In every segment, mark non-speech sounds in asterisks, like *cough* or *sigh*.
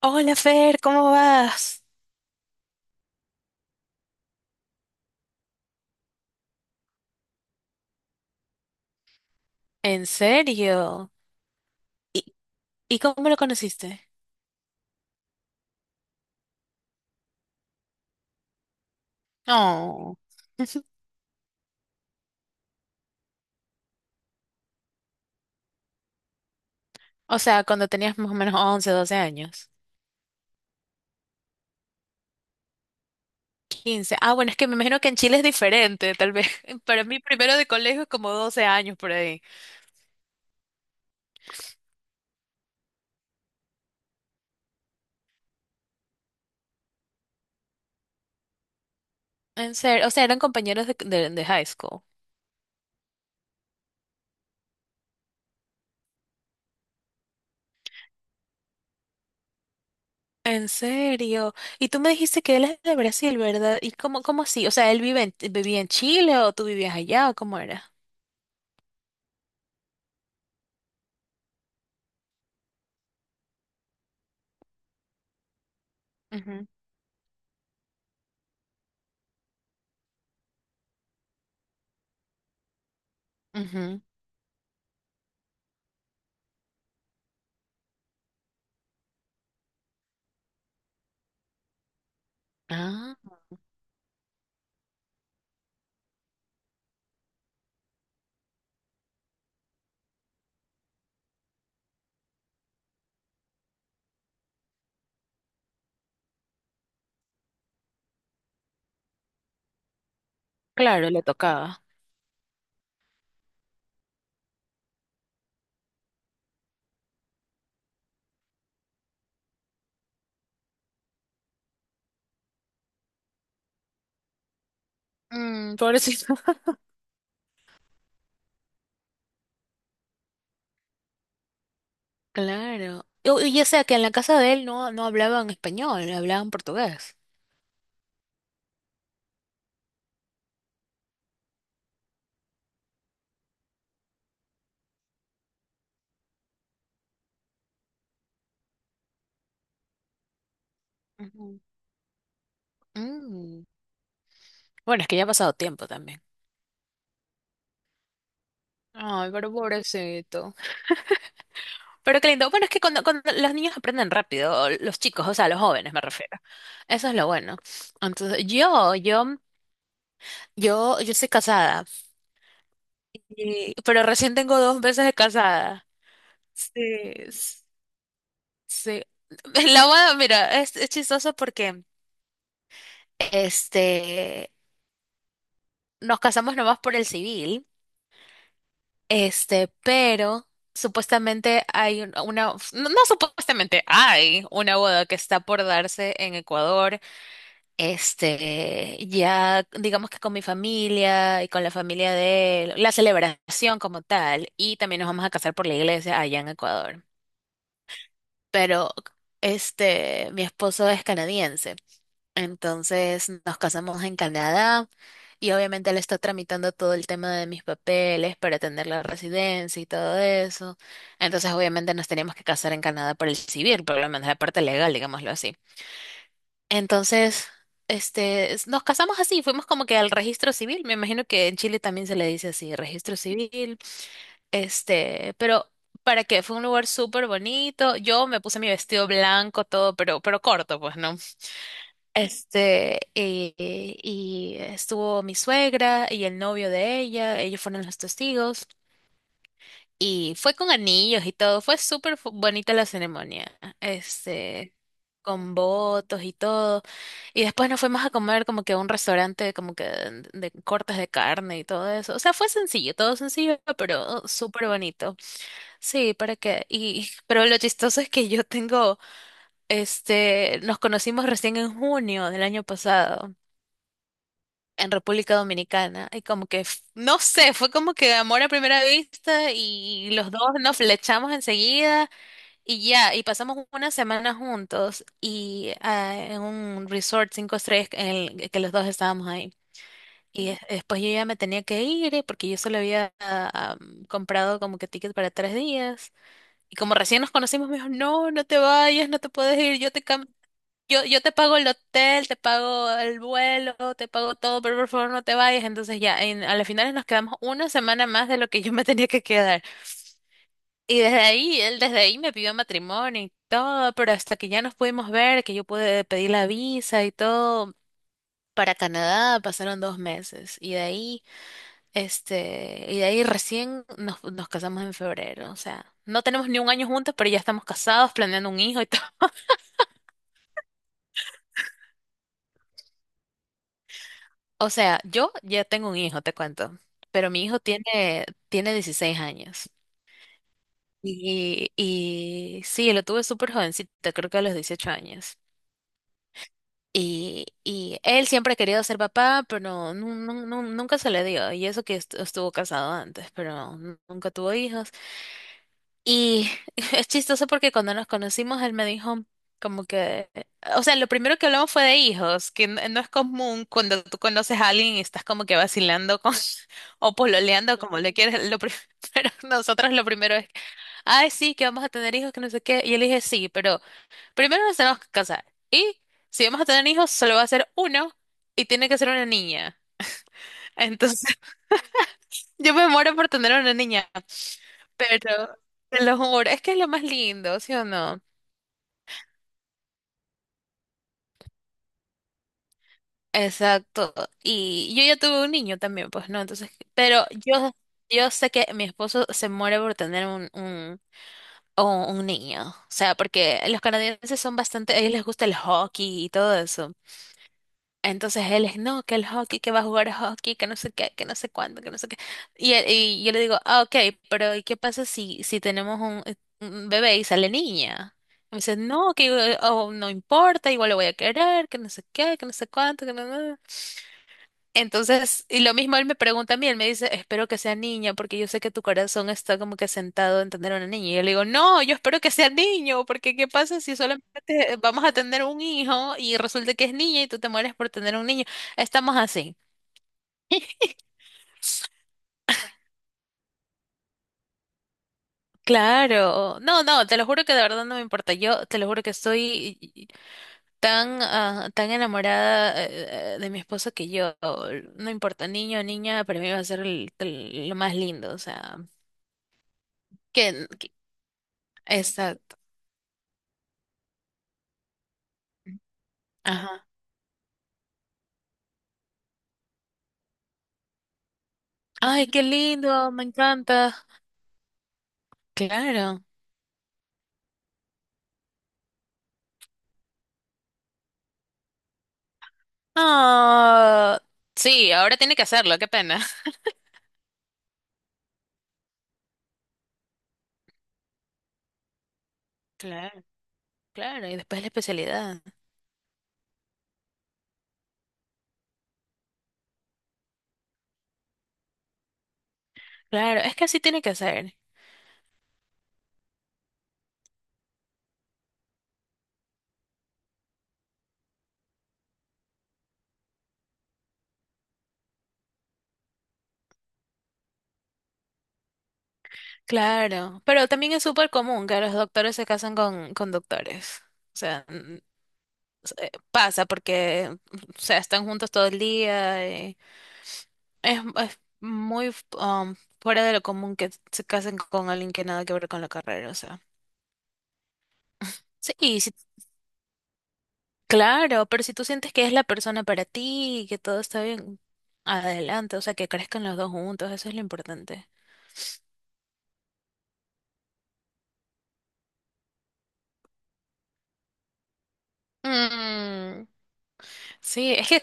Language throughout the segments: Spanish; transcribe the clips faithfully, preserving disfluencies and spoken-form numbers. Hola Fer, ¿cómo vas? ¿En serio? ¿Y, y cómo lo conociste? Oh, *laughs* o sea, cuando tenías más o menos once, doce años. Quince. Ah, bueno, es que me imagino que en Chile es diferente, tal vez. *laughs* Para mí, primero de colegio es como doce años por ahí. En serio, o sea, eran compañeros de, de- de high school. En serio. Y tú me dijiste que él es de Brasil, ¿verdad? ¿Y cómo, cómo así? O sea, ¿él vive en, vivía en Chile o tú vivías allá o cómo era? Ujú, ujú. Ah, claro, le tocaba. Mm, pobrecito. *laughs* Claro. O- Y, ya sea que en la casa de él no, no hablaban español, hablaban portugués. Ujú. Mm. Bueno, es que ya ha pasado tiempo también. Ay, pero pobrecito. Pero qué lindo. Bueno, es que cuando, cuando los niños aprenden rápido, o los chicos, o sea, los jóvenes me refiero. Eso es lo bueno. Entonces, yo, yo, yo, yo estoy casada, y- pero recién tengo dos meses de casada. Sí, s- sí. *laughs* La boda, mira, es, es chistoso porque, este, nos casamos nomás por el civil, este, pero supuestamente hay un- una, no, no supuestamente, hay una boda que está por darse en Ecuador, este, ya digamos que con mi familia y con la familia de él, la celebración como tal, y también nos vamos a casar por la iglesia allá en Ecuador. Pero, este, mi esposo es canadiense. Entonces nos casamos en Canadá y obviamente él está tramitando todo el tema de mis papeles para tener la residencia y todo eso. Entonces obviamente nos teníamos que casar en Canadá por el civil, por lo menos la parte legal, digámoslo así. Entonces, este, s- nos casamos así, fuimos como que al registro civil. Me imagino que en Chile también se le dice así, registro civil. Este, pero para que fue un lugar súper bonito. Yo me puse mi vestido blanco, todo, pero, pero corto, pues, ¿no? Este, eh, y estuvo mi suegra y el novio de ella, ellos fueron los testigos, y fue con anillos y todo, fue súper fu- bonita la ceremonia, este, con votos y todo, y después nos fuimos a comer como que a un restaurante como que de, de cortes de carne y todo eso, o sea, fue sencillo, todo sencillo, pero súper bonito, sí, para que, y, *laughs* pero lo chistoso es que yo tengo, este, nos conocimos recién en junio del año pasado. En República Dominicana y como que, f- no sé, fue como que amor a primera vista y los dos nos flechamos enseguida y ya, y pasamos una semana juntos y ah, en un resort cinco estrellas en el que los dos estábamos ahí. Y des- después yo ya me tenía que ir eh, porque yo solo había ah, ah, comprado como que ticket para tres días. Y como recién nos conocimos, me dijo, no, no te vayas, no te puedes ir, yo te cambio, yo, yo te pago el hotel, te pago el vuelo, te pago todo, pero por favor no te vayas. Entonces ya, en, a las finales nos quedamos una semana más de lo que yo me tenía que quedar. Y desde ahí, él desde ahí me pidió matrimonio y todo, pero hasta que ya nos pudimos ver, que yo pude pedir la visa y todo. Para Canadá pasaron dos meses y de ahí, este, y de ahí recién nos, nos casamos en febrero. O sea, no tenemos ni un año juntos, pero ya estamos casados, planeando un hijo y *laughs* todo. O sea, yo ya tengo un hijo, te cuento, pero mi hijo tiene, tiene dieciséis años. Y, y sí, lo tuve súper jovencito, creo que a los dieciocho años. Y, y él siempre ha querido ser papá, pero no, nu- nu- nu- nunca se le dio. Y eso que est- estuvo casado antes, pero nu- nunca tuvo hijos. Y *laughs* es chistoso porque cuando nos conocimos, él me dijo como que, o sea, lo primero que hablamos fue de hijos, que n- no es común cuando tú conoces a alguien y estás como que vacilando con, *laughs* o pololeando, como le quieres, lo pri- *laughs* pero nosotros lo primero es, ay, sí, que vamos a tener hijos, que no sé qué, y él dije, sí, pero primero nos tenemos que casar, y si vamos a tener hijos, solo va a ser uno, y tiene que ser una niña. Entonces, *laughs* yo me muero por tener una niña, pero... Te lo juro, es que es lo más lindo, ¿sí o no? Exacto. Y yo ya tuve un niño también, pues no, entonces, pero yo, yo sé que mi esposo se muere por tener un, un, un- un niño. O sea, porque los canadienses son bastante, a ellos les gusta el hockey y todo eso. Entonces él es, no, que el hockey, que va a jugar hockey, que no sé qué, que no sé cuándo, que no sé qué. Y, él- y yo le digo, ah, ok, pero ¿y qué pasa si, si tenemos un, un bebé y sale niña? Y me dice, no, que eh, oh, no importa, igual lo voy a querer, que no sé qué, que no sé cuánto, que no. No, no, entonces, y lo mismo él me pregunta a mí, él me dice, espero que sea niña, porque yo sé que tu corazón está como que sentado en tener una niña. Y yo le digo, no, yo espero que sea niño, porque ¿qué pasa si solamente vamos a tener un hijo y resulta que es niña y tú te mueres por tener un niño? Estamos así. Claro, no, no, te lo juro que de verdad no me importa. Yo te lo juro que estoy tan, ah, tan enamorada eh, eh, de mi esposo que yo, no importa, niño o niña, para mí va a ser el- el- lo más lindo, o sea, que, que- exacto. Ajá. Ay, qué lindo, me encanta. Claro. Ah, sí, ahora tiene que hacerlo, qué pena. *laughs* Claro, claro, y después la especialidad. Claro, es que así tiene que ser. Claro, pero también es súper común que los doctores se casan con, con doctores. O sea, mm, s- eh, pasa porque, *laughs* o sea, están juntos todo el día y es, es muy f- um, fuera de lo común que se casen con alguien que nada que ver con la carrera, o sea. Sí, y si Claro, pero si tú sientes que es la persona para ti y que todo está bien, adelante, o sea, que crezcan los dos juntos, eso es lo importante. Mm, sí, es que,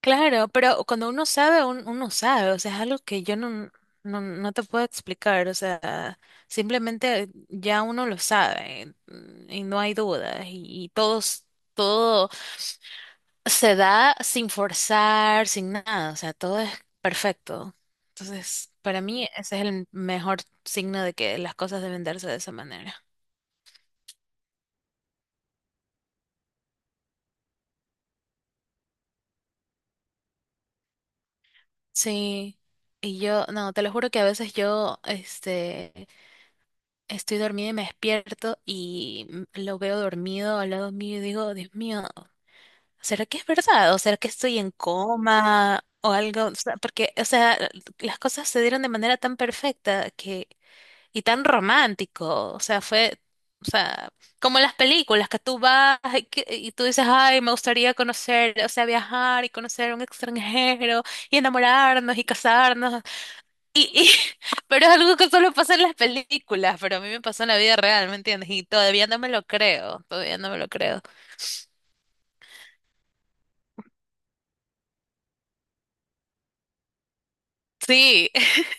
claro, pero cuando uno sabe, un- uno sabe, o sea, es algo que yo no, no, no te puedo explicar, o sea, simplemente ya uno lo sabe, mm, y no hay dudas y, y, todos, todo. Se da sin forzar, sin nada, o sea, todo es perfecto. Entonces, para mí ese es el mejor signo de que las cosas deben darse de esa manera. Sí, y yo, no, te lo juro que a veces yo, este, estoy dormida y me despierto y m- lo veo dormido al lado mío y digo, Dios mío, ¿será que es verdad? ¿O será que estoy en coma? O algo, o sea, porque, o sea, las cosas se dieron de manera tan perfecta que y tan romántico. O sea, fue, o sea, como las películas que tú vas y, que- y tú dices, ay, me gustaría conocer, o sea, viajar y conocer a un extranjero y enamorarnos y casarnos. Y, y, *laughs* pero es algo que solo pasa en las películas, pero a mí me pasó en la vida real, ¿me entiendes? Y todavía no me lo creo, todavía no me lo creo. Sí, *laughs*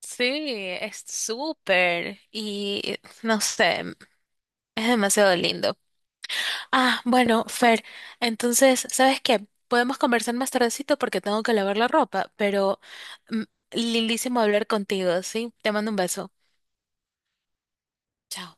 sí, es súper y no sé, es demasiado lindo. Ah, bueno, Fer, entonces, ¿sabes qué? Podemos conversar más tardecito porque tengo que lavar la ropa, pero mm, lindísimo hablar contigo, ¿sí? Te mando un beso. Chao.